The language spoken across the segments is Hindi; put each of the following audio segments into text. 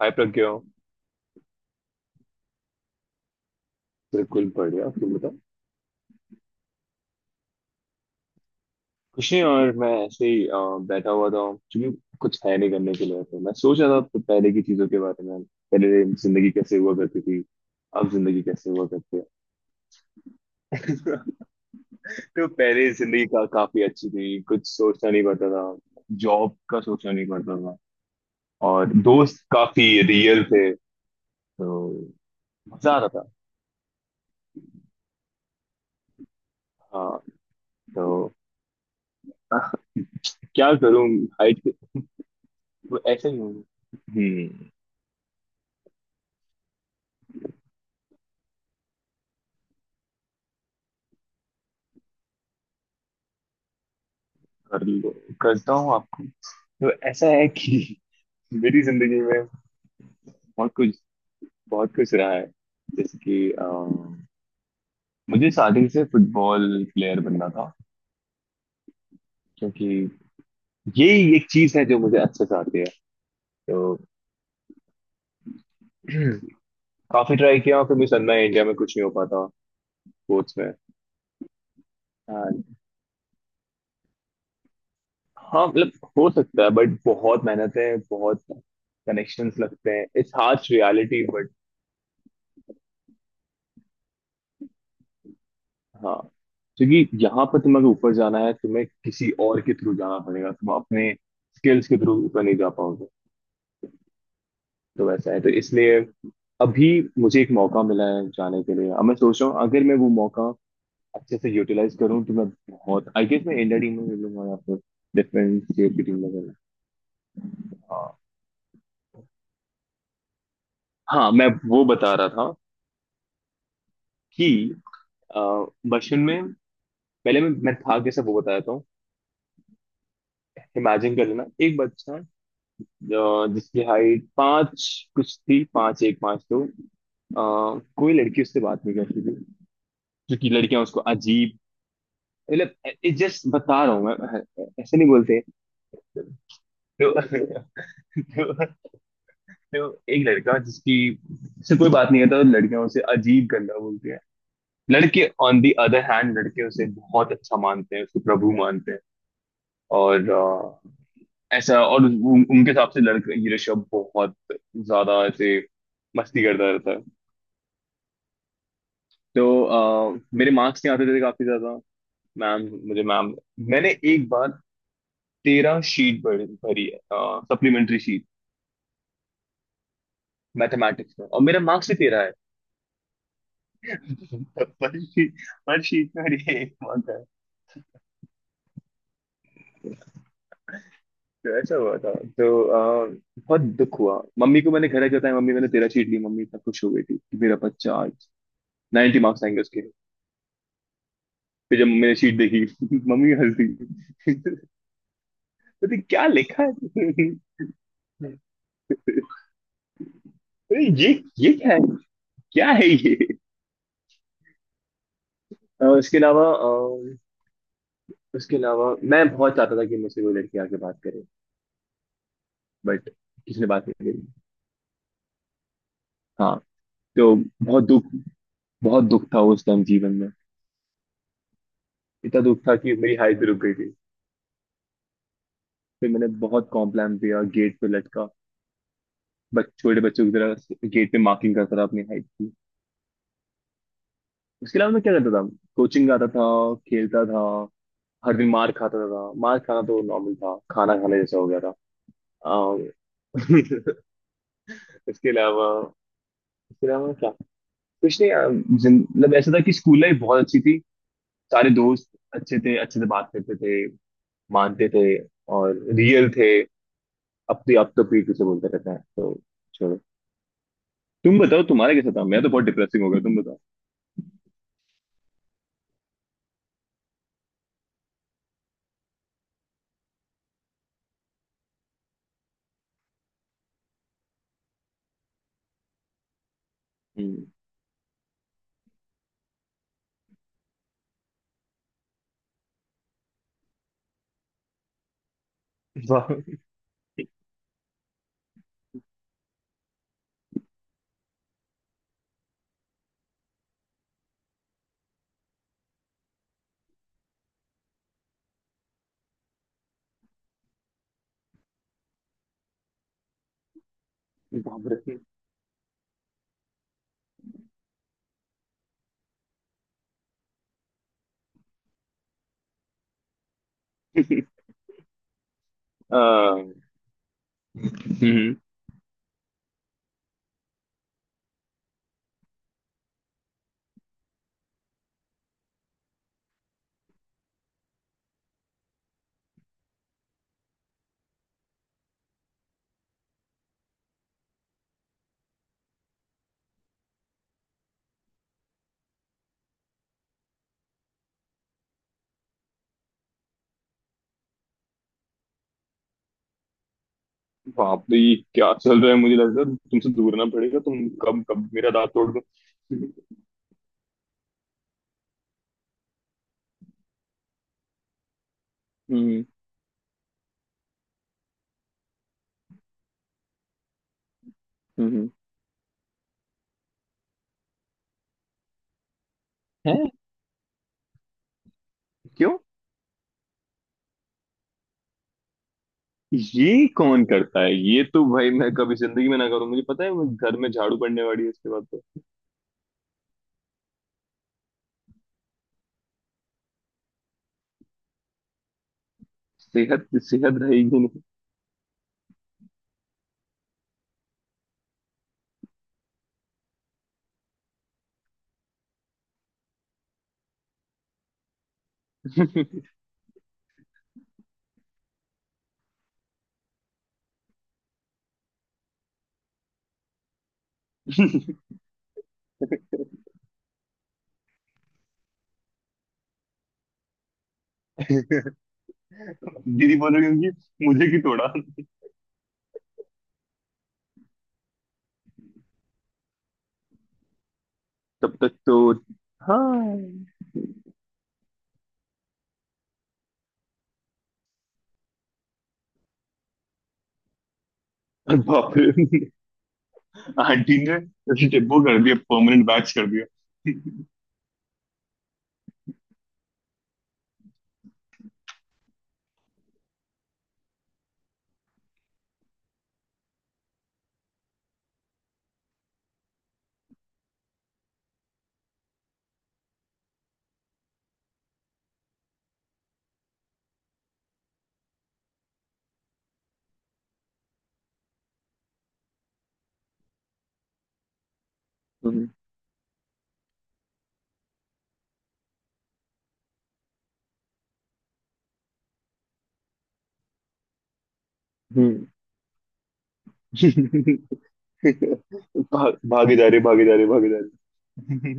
हाय प्रज्ञा। बिल्कुल बढ़िया, तुम बताओ। कुछ नहीं, और मैं ऐसे ही बैठा हुआ था क्योंकि कुछ है नहीं करने के लिए, तो मैं सोच रहा था तो पहले की चीजों के बारे में। पहले जिंदगी कैसे हुआ करती थी, अब जिंदगी कैसे हुआ करती है। तो पहले जिंदगी का काफी अच्छी थी, कुछ सोचना नहीं पड़ता था। जॉब का सोचना नहीं पड़ता था। और दोस्त काफी रियल थे तो मजा आता था। हाँ, तो क्या करूँ। हाइट। ऐसे ही हूँ। हम्म। कर लो, करता हूँ आपको। तो ऐसा है कि मेरी जिंदगी में बहुत कुछ, बहुत कुछ रहा है। जैसे कि मुझे स्टार्टिंग से फुटबॉल प्लेयर बनना था, क्योंकि यही एक चीज है जो मुझे अच्छे से आती है। तो काफी ट्राई किया, फिर मुझे समझ में आया इंडिया में कुछ नहीं हो पाता स्पोर्ट्स में। And हाँ, मतलब हो सकता है बट बहुत मेहनत है, बहुत कनेक्शंस लगते हैं, इट्स हार्श रियलिटी बट हाँ, क्योंकि यहाँ पर तुम्हें अगर ऊपर जाना है तुम्हें किसी और के थ्रू जाना पड़ेगा, तुम अपने स्किल्स के थ्रू ऊपर नहीं जा पाओगे। तो वैसा है, तो इसलिए अभी मुझे एक मौका मिला है जाने के लिए। अब मैं सोच रहा हूँ, अगर मैं वो मौका अच्छे से यूटिलाइज करूँ तो मैं बहुत, आई गेस मैं इंडिया टीम में मिलूंगा या फिर डिफरेंट स्टेट की टीम में मिलूंगा। हाँ, हाँ मैं वो बता रहा था कि अ, बचपन में पहले मैं था कैसे वो बताया था। इमेजिन कर लेना एक बच्चा, जिसकी हाइट पाँच कुछ थी, पाँच एक पाँच दो। अ, कोई लड़की उससे बात नहीं करती थी, क्योंकि लड़कियां उसको अजीब, मतलब जस्ट बता रहा हूँ मैं, ऐसे नहीं बोलते। तो, तो, तो एक लड़का जिसकी से कोई बात नहीं करता तो लड़कियां उसे अजीब गंदा बोलती हैं। लड़के ऑन दी अदर हैंड, लड़के उसे बहुत अच्छा मानते हैं, उसको प्रभु मानते हैं। और ऐसा, और उनके हिसाब से लड़का ये ऋषभ बहुत ज्यादा ऐसे मस्ती करता रहता है। तो मेरे मार्क्स नहीं आते थे काफी ज्यादा। मैम, मुझे मैम, मैंने एक बार 13 शीट भरी भरी है, सप्लीमेंट्री शीट, मैथमेटिक्स में, और मेरा मार्क्स ही 13 है। पर शीट पर शीट में मेरी एक मार्क है। तो ऐसा हुआ था तो बहुत दुख हुआ मम्मी को। मैंने घर आके बताया, मम्मी मैंने 13 शीट ली। मम्मी इतना खुश हो गई थी कि मेरा बच्चा आज 90 मार्क्स आएंगे उसके। फिर जब मैंने शीट देखी मम्मी हंस दी। अरे क्या लिखा है? अरे ये, क्या है? क्या है ये? अ, इसके अलावा अ, इसके अलावा मैं बहुत चाहता था कि मुझसे कोई लड़की आके बात करे, बट किसी ने बात नहीं करी। हाँ, तो बहुत दुख बहुत दुख था उस टाइम जीवन में। इतना दुख था कि मेरी हाइट भी रुक गई थी। फिर मैंने बहुत कॉम्प्लान किया, गेट पे लटका, बच छोटे बच्चों की तरह गेट पे मार्किंग करता था अपनी हाइट की। उसके अलावा मैं क्या करता था? कोचिंग जाता था, खेलता था। हर दिन मार खाता था, मार खाना तो नॉर्मल था, खाना खाने जैसा हो गया था। अ, इसके अलावा, क्या? कुछ नहीं। मतलब ऐसा था कि स्कूल लाइफ बहुत अच्छी थी। सारे दोस्त अच्छे थे, अच्छे से बात करते थे, मानते थे, और रियल थे। अब तो पीठ पीछे बोलते रहते हैं, तो छोड़ो। तुम बताओ तुम्हारा कैसा था, मैं तो बहुत डिप्रेसिंग हो गया, तुम बताओ। हम्म। वाह। बाप रे। अ, हम्म, बाप रे, ये क्या चल रहा है? मुझे लग रहा है तुमसे दूर ना पड़ेगा, तुम कब कब मेरा दांत तोड़ दो। हम्म। हम्म। है? क्यों? ये कौन करता है? ये तो भाई मैं कभी जिंदगी में ना करूं। मुझे पता है मैं घर में झाड़ू पड़ने वाली है इसके बाद तो। सेहत, सेहत रहेगी नहीं। दीदी बोलो क्योंकि मुझे की तोड़ा। तब तक तो हाँ। बाप रे। आंटी ने जैसे वो कर दिया, परमानेंट बैच कर दिया। हम्म। हम्म। भाग, भागे जा रहे, भागे जा रहे, भागे जा रहे।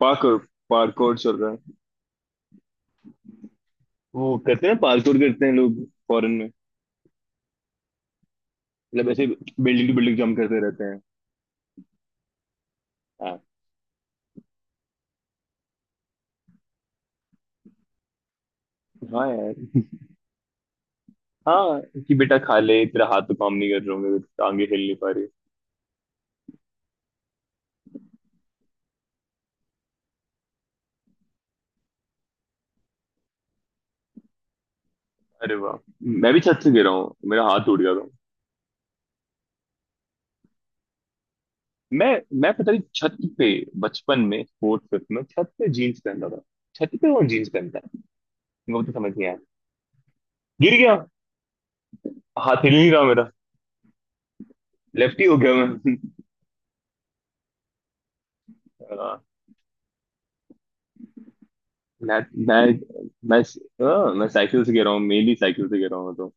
पार्कोर। पार्कोर चल रहा है। वो करते हैं ना, पार्कोर करते हैं लोग फॉरेन में, मतलब ऐसे बिल्डिंग टू बिल्डिंग जंप करते रहते हैं। हाँ। हाँ यार। हाँ, कि बेटा खा ले, तेरा हाथ तो काम नहीं कर रहे होंगे, टांगे हिल नहीं पा रही। अरे वाह। मैं भी छत से गिरा हूँ, मेरा हाथ टूट गया था। मैं मैं पता नहीं छत पे बचपन में फोर्थ फिफ्थ में छत पे जीन्स पहनता था। छत पे कौन जीन्स पहनता है? वो तो समझ नहीं आया, गिर गया, हाथ हिल नहीं रहा मेरा, लेफ्टी हो गया मैं। हाँ, मैं मैं मैं हाँ, मैं साइकिल से गिरा हूँ, मेनली साइकिल से गिरा हूँ मैं तो।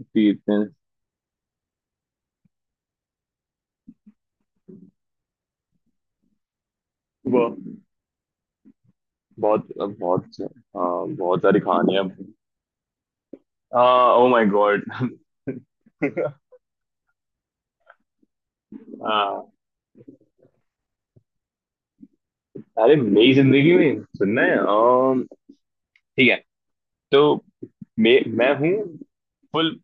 कि इतने, वो बहुत, बहुत हाँ बहुत सारी कहानियां। हाँ, ओ माय गॉड। हाँ। अरे मेरी जिंदगी में सुनना है? ठीक है। तो मैं हूँ फुल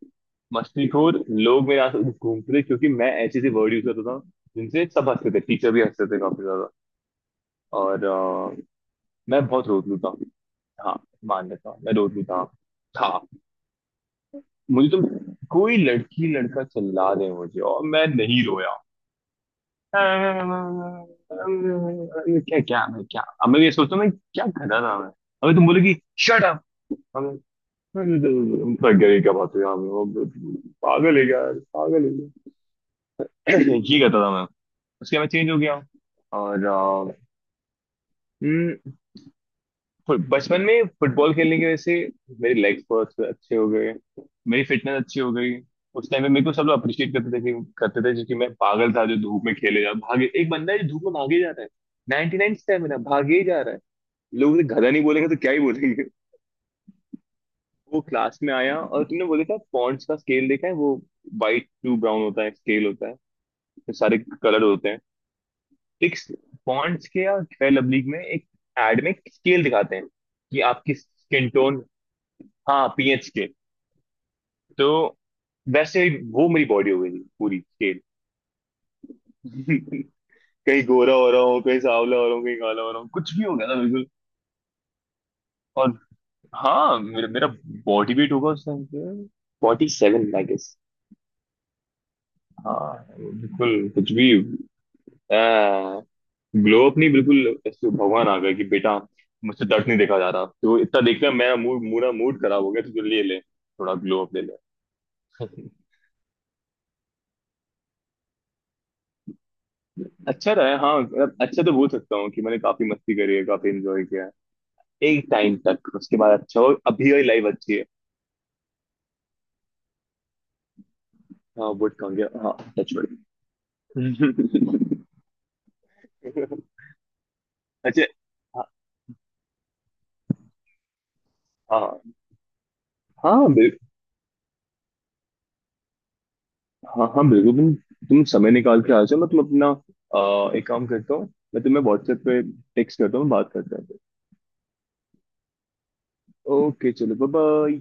मस्तीखोर। लोग मेरे आसपास घूमते थे क्योंकि मैं ऐसे ऐसे वर्ड यूज करता था जिनसे सब हंसते थे, टीचर भी हंसते थे काफी ज्यादा। और मैं बहुत रोत लू था। हाँ मान लेता हूँ मैं रोत लू था। मुझे तो कोई लड़की लड़का चिल्ला दे मुझे और मैं नहीं रोया। क्या क्या? मैं क्या? अब मैं ये सोचता हूँ मैं क्या कर रहा था मैं? अभी तुम बोलोगी शट अप, थक गया, ये क्या बात है यार, मैं पागल है क्या यार, पागल है क्या। ये कहता था मैं। उसके बाद चेंज हो गया, और बचपन में फुटबॉल खेलने की वजह से मेरे लेग्स बहुत अच्छे हो गए, मेरी फिटनेस अच्छी हो गई। उस टाइम पे मेरे को सब लोग अप्रिशिएट करते थे कि करते थे जो कि मैं पागल था जो धूप में खेले जा भागे, एक बंदा है जो धूप में भागे जा रहा है, 99 नाइन स्टेमिना भागे ही जा रहा है, लोग उसे गधा नहीं बोलेंगे तो क्या ही बोलेंगे। वो क्लास में आया और तुमने बोले था पॉन्ड्स का स्केल देखा है, वो वाइट टू ब्राउन होता है, स्केल होता है, तो सारे कलर होते हैं। एक पॉन्ड्स के या फेयर लवली में एक एड में स्केल दिखाते हैं कि आपकी स्किन टोन, हाँ पीएच, तो वैसे ही वो मेरी बॉडी हो गई थी पूरी स्केल। कहीं गोरा हो रहा हूँ, कहीं सांवला हो रहा हूँ, कहीं काला हो रहा हूँ, कुछ भी हो गया था बिल्कुल। और हाँ, मेरा मेरा बॉडी वेट होगा उस टाइम पे 47, आई गेस। हाँ बिल्कुल, कुछ भी ग्लो अप नहीं, बिल्कुल ऐसे भगवान आ गया कि बेटा मुझसे दर्द नहीं देखा जा रहा, तो इतना देख लिया मैं, मूड मूड मूड खराब हो गया, तो जो ले ले थोड़ा ग्लो अप, ले ले। अच्छा रहा है, हाँ मतलब अच्छा तो बोल सकता हूँ कि मैंने काफी मस्ती करी है, काफी एंजॉय किया एक टाइम तक। उसके बाद अच्छा हो, अभी वही लाइफ अच्छी है। हाँ वुड कहूंगे, हाँ। Touch wood. अच्छा। हाँ। हाँ, हाँ हाँ, हाँ बिल्कुल, तुम समय निकाल के आ जाओ। मैं तुम अपना एक काम करता हूँ, मैं तुम्हें व्हाट्सएप पे टेक्स्ट करता हूँ, बात करते हैं। ओके चलो, बाय बाय।